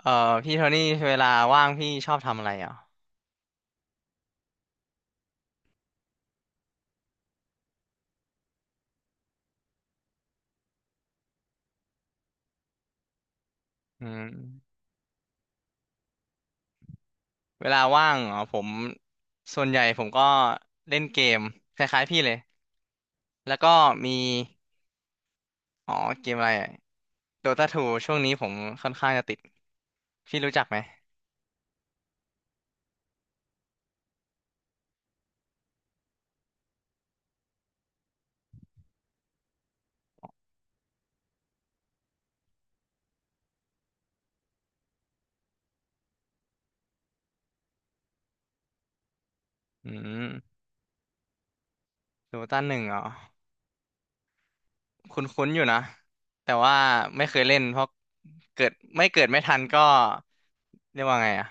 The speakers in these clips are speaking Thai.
เอ่อพี่โทนี่เวลาว่างพี่ชอบทำอะไรอ่ะอืมเวลาว่างอ๋อผมส่วนใหญ่ผมก็เล่นเกมคล้ายๆพี่เลยแล้วก็มีอ๋อเกมอะไรโดตาทูช่วงนี้ผมค่อนข้างจะติดพี่รู้จักไหมอืมโดตาหนึ่งอ๋อคุ้นๆอยู่นะแต่ว่าไม่เคยเล่นเพราะเกิดไม่เกิดไม่ทันก็เรียกว่าไงอ่ะ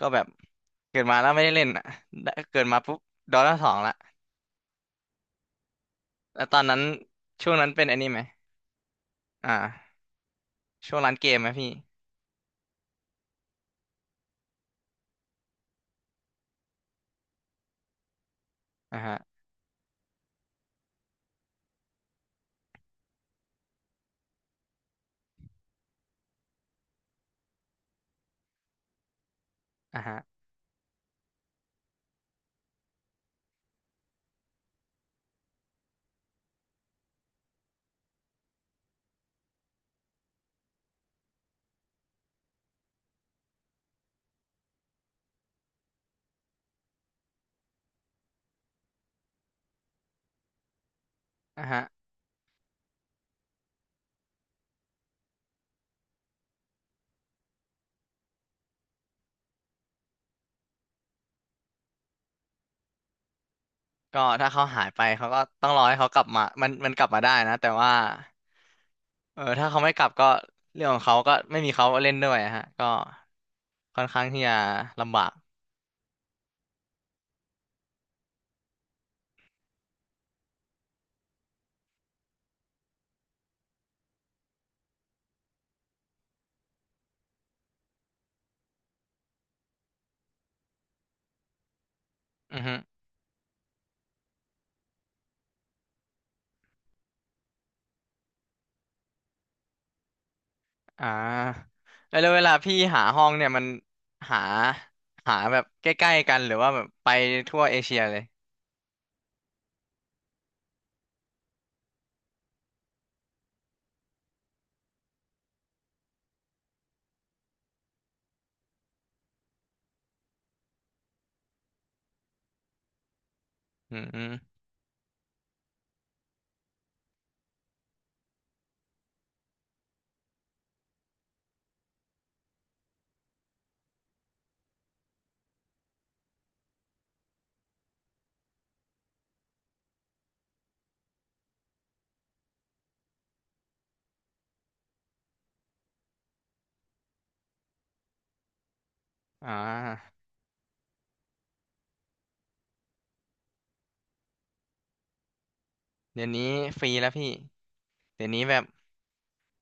ก็แบบเกิดมาแล้วไม่ได้เล่นอ่ะได้เกิดมาปุ๊บโดตาสองละ แล้วตอนนั้นช่วงนั้นเป็นอันนี้ไหมอ่าช่วงร้านเกมไหมพี่อ่าฮะอ่าฮะอ่าฮะก็ถ้าเขาหายไปเขาก็ต้องรอให้เขากลับมามันกลับมาได้นะแต่ว่าเออถ้าเขาไม่กลับก็เรื่องของเขาก็ไม่มีเขาเล่นด้วยอะฮะก็ค่อนข้างที่จะลำบากอือฮึอ่าแล้วแล้วเวลาพี่หาห้องเนี่ยมันหาหาแบบใกล้ๆกันหรือว่าแบบไปทั่วเอเชียเลยอืมอมอ่าเดี๋ยวนี้ฟรีแล้วพี่เดี๋ยวนี้แบบ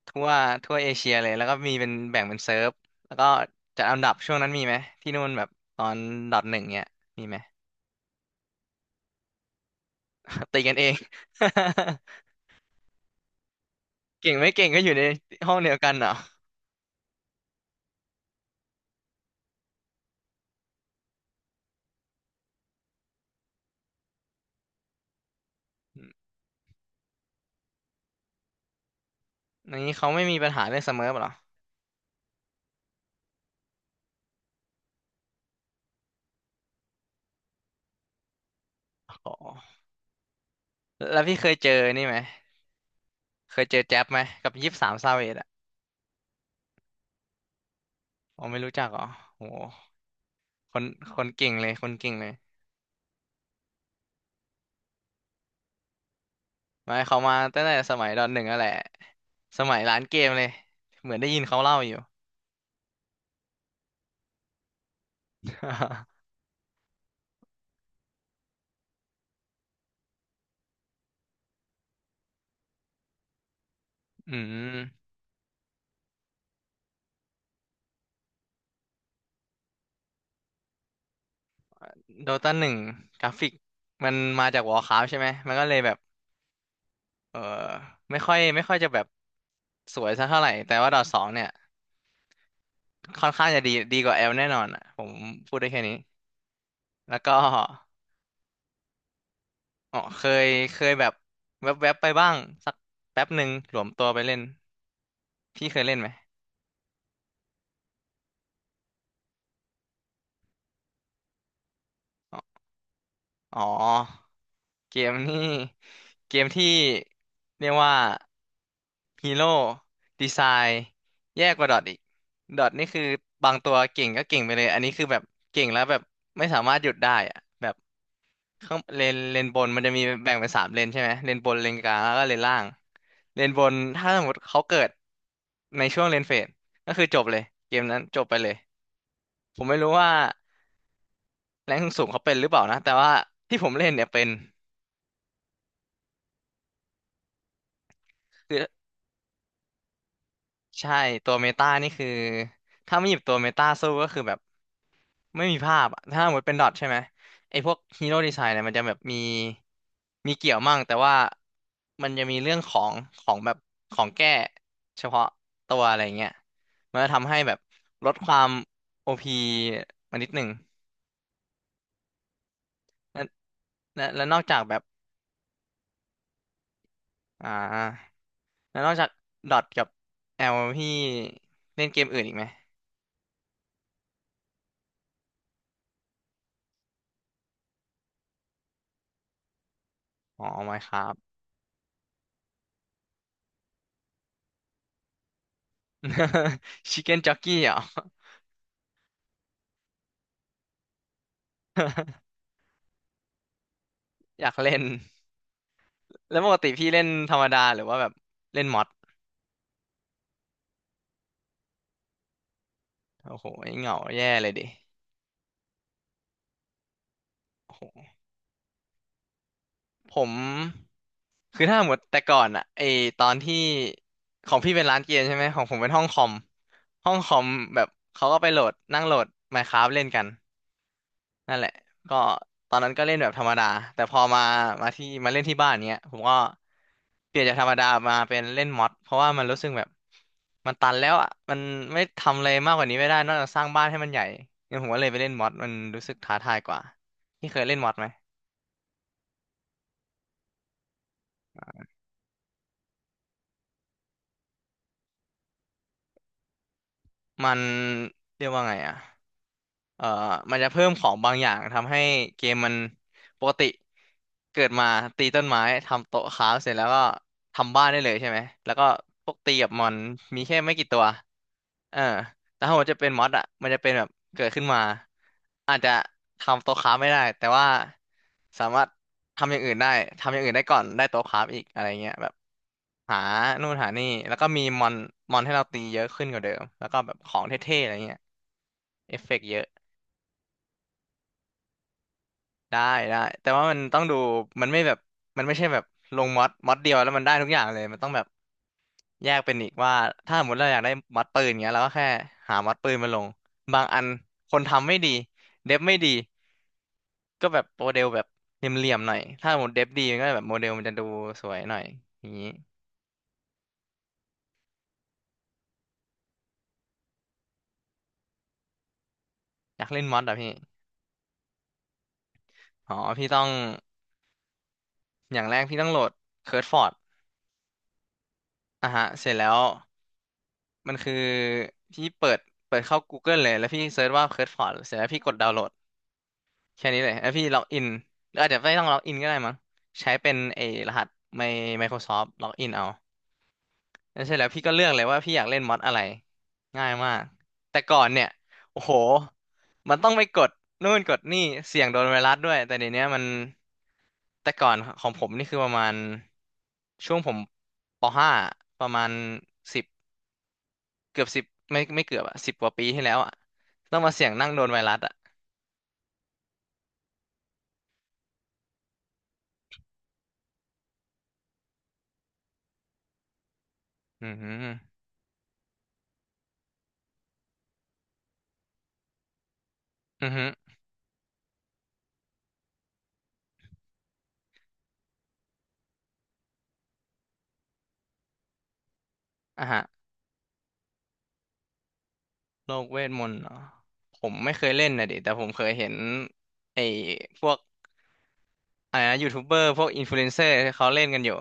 ทั่วทั่วเอเชียเลยแล้วก็มีเป็นแบ่งเป็นเซิร์ฟแล้วก็จัดอันดับช่วงนั้นมีไหมที่นู่นแบบตอนดอทหนึ่งเนี่ยมีไหม ตีกันเอง เก่งไม่เก่งก็อยู่ในห้องเดียวกันเหรออย่างนี้เขาไม่มีปัญหาเรื่องเสเมอเหรออ๋อแล้วพี่เคยเจอนี่ไหมเคยเจอแจ๊บไหมกับยี่สิบสามซาเวดอ่ะอ๋อไม่รู้จักเหรอโอ้โหคนคนเก่งเลยคนเก่งเลยไม่เขามาตั้งแต่สมัยดอทหนึ่งนั่นแหละสมัยร้านเกมเลยเหมือนได้ยินเขาเล่าอยู่ อืม โดตาหนึ่งกราฟิกมันมาจากวอร์คราฟใช่ไหมมันก็เลยแบบเออไม่ค่อยไม่ค่อยจะแบบสวยสักเท่าไหร่แต่ว่าดอทสองเนี่ยค่อนข้างจะดีดีกว่าแอลแน่นอนอ่ะผมพูดได้แค่นี้แล้วก็อ๋อเคยแบบแวบๆไปบ้างสักแป๊บหนึ่งหลวมตัวไปเล่นพี่เคยเล่นไหม อ๋อเกมนี่เกมที่เรียกว่าฮีโร่ดีไซน์แย่กว่าดอทอีกดอทนี่คือบางตัวเก่งก็เก่งไปเลยอันนี้คือแบบเก่งแล้วแบบไม่สามารถหยุดได้อะแบบข้างเลนเลนบนมันจะมีแบ่งเป็นสามเลนใช่ไหมเลนบนเลนกลางแล้วก็เลนล่างเลนบนถ้าสมมติเขาเกิดในช่วงเลนเฟดก็คือจบเลยเกมนั้นจบไปเลยผมไม่รู้ว่าแรงค์สูงเขาเป็นหรือเปล่านะแต่ว่าที่ผมเล่นเนี่ยเป็น ใช่ตัวเมตานี่คือถ้าไม่หยิบตัวเมตาสู้ก็คือแบบไม่มีภาพอะถ้าหมดเป็นดอทใช่ไหมไอ้พวกฮีโร่ดีไซน์เนี่ยมันจะแบบมีเกี่ยวมั่งแต่ว่ามันจะมีเรื่องของของแบบของแก้เฉพาะตัวอะไรเงี้ยมันจะทำให้แบบลดความโอพีมานิดหนึ่งและและนอกจากแบบอ่าแล้วนอกจากดอทกับแอลพี่เล่นเกมอื่นอีกไหมอ๋อไม่ครับ ชิคเก้นจ็อกกี้เหรอ อยากเล่น แล้วปกติพี่เล่นธรรมดาหรือว่าแบบเล่นมอดโอ้โหเหงาแย่เลยดิโอ้โหผม คือถ้าหมดแต่ก่อนอะไอตอนที่ของพี่เป็นร้านเกมใช่ไหม ของผมเป็นห้องคอม ห้องคอมแบบเขาก็ไปโหลดนั่งโหลด Minecraft เล่นกัน นั่นแหละก็ตอนนั้นก็เล่นแบบธรรมดาแต่พอมามาที่มาเล่นที่บ้านเนี้ยผมก็เปลี่ยนจากธรรมดามาเป็นเล่นม็อดเพราะว่ามันรู้สึกแบบมันตันแล้วอ่ะมันไม่ทำอะไรมากกว่านี้ไม่ได้นอกจากสร้างบ้านให้มันใหญ่งั้นผมก็เลยไปเล่นม็อดมันรู้สึกท้าทายกว่าที่เคยเล่นม็อดไหมมันเรียกว่าไงอ่ะ เอ่อมันจะเพิ่มของบางอย่างทำให้เกมมันปกติเกิดมาตีต้นไม้ทำโต๊ะค้าฟเสร็จแล้วก็ทำบ้านได้เลยใช่ไหมแล้วก็พวกตีกับมอนมีแค่ไม่กี่ตัวเออแต่ถ้ามันจะเป็นมอดอ่ะมันจะเป็นแบบเกิดขึ้นมาอาจจะทำโต๊ะค้าฟไม่ได้แต่ว่าสามารถทำอย่างอื่นได้ทำอย่างอื่นได้ก่อนได้โต๊ะค้าฟอีกอะไรเงี้ยแบบหานู่นหานี่แล้วก็มีมอนมอนให้เราตีเยอะขึ้นกว่าเดิมแล้วก็แบบของเท่ๆอะไรเงี้ยเอฟเฟกต์เยอะ ได้ได้แต่ว่ามันต้องดูมันไม่แบบมันไม่ใช่แบบลงม็อดม็อดเดียวแล้วมันได้ทุกอย่างเลยมันต้องแบบแยกเป็นอีกว่าถ้าสมมติเราอยากได้ม็อดปืนเงี้ยเราก็แค่หาม็อดปืนมาลงบางอันคนทำไม่ดีเดฟไม่ดีก็แบบโมเดลแบบเหลี่ยมๆหน่อยถ้าสมมติเดฟดีมันก็แบบโมเดลมันจะดูสวยหน่อยอย่างนี้อยากเล่นม็อดอ่ะพี่อ๋อพี่ต้องอย่างแรกพี่ต้องโหลดเคิร์ดฟอร์ดอ่ะฮะเสร็จแล้วมันคือพี่เปิดเข้า Google เลยแล้วพี่เซิร์ชว่าเคิร์ดฟอร์ดเสร็จแล้วพี่กดดาวน์โหลด แค่นี้เลยแล้วพี่ล็อกอินหรืออาจจะไม่ต้องล็อกอินก็ได้มั้งใช้เป็นไอ้รหัสใน Microsoft ล็อกอินเอาแล้วเสร็จแล้วพี่ก็เลือกเลยว่าพี่อยากเล่นมอดอะไรง่ายมากแต่ก่อนเนี่ยโอ้โหมันต้องไปกดนู่นกดนี่เสี่ยงโดนไวรัสด้วยแต่เดี๋ยวนี้มันแต่ก่อนของผมนี่คือประมาณช่วงผมป .5 ประมาณสิบเกือบสิบไม่เกือบอะสิบกว่าปีที่แล้วอะต้องมาเสี่ยงนั่งโดนไวรัสอะอือหืออือหือ่ะ โลกเวทมนต์เหรอผมไม่เคยเล่นนะดิแต่ผมเคยเห็นไอ้พวกอะไรนะยูทูบเบอร์พวกอินฟลูเอนเซอร์เขาเล่นกันอยู่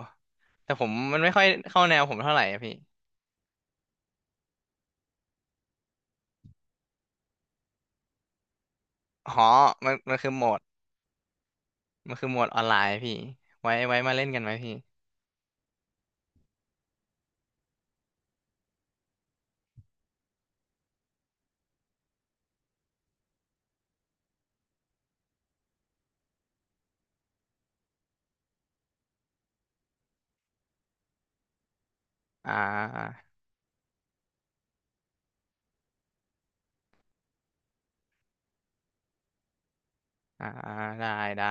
แต่ผมมันไม่ค่อยเข้าแนวผมเท่าไหร่อะพี่อ๋อมันคือโหมดมันคือโหมดออนไลน์พี่ไว้มาเล่นกันไหมพี่อ่าอ่าอ่าได้ได้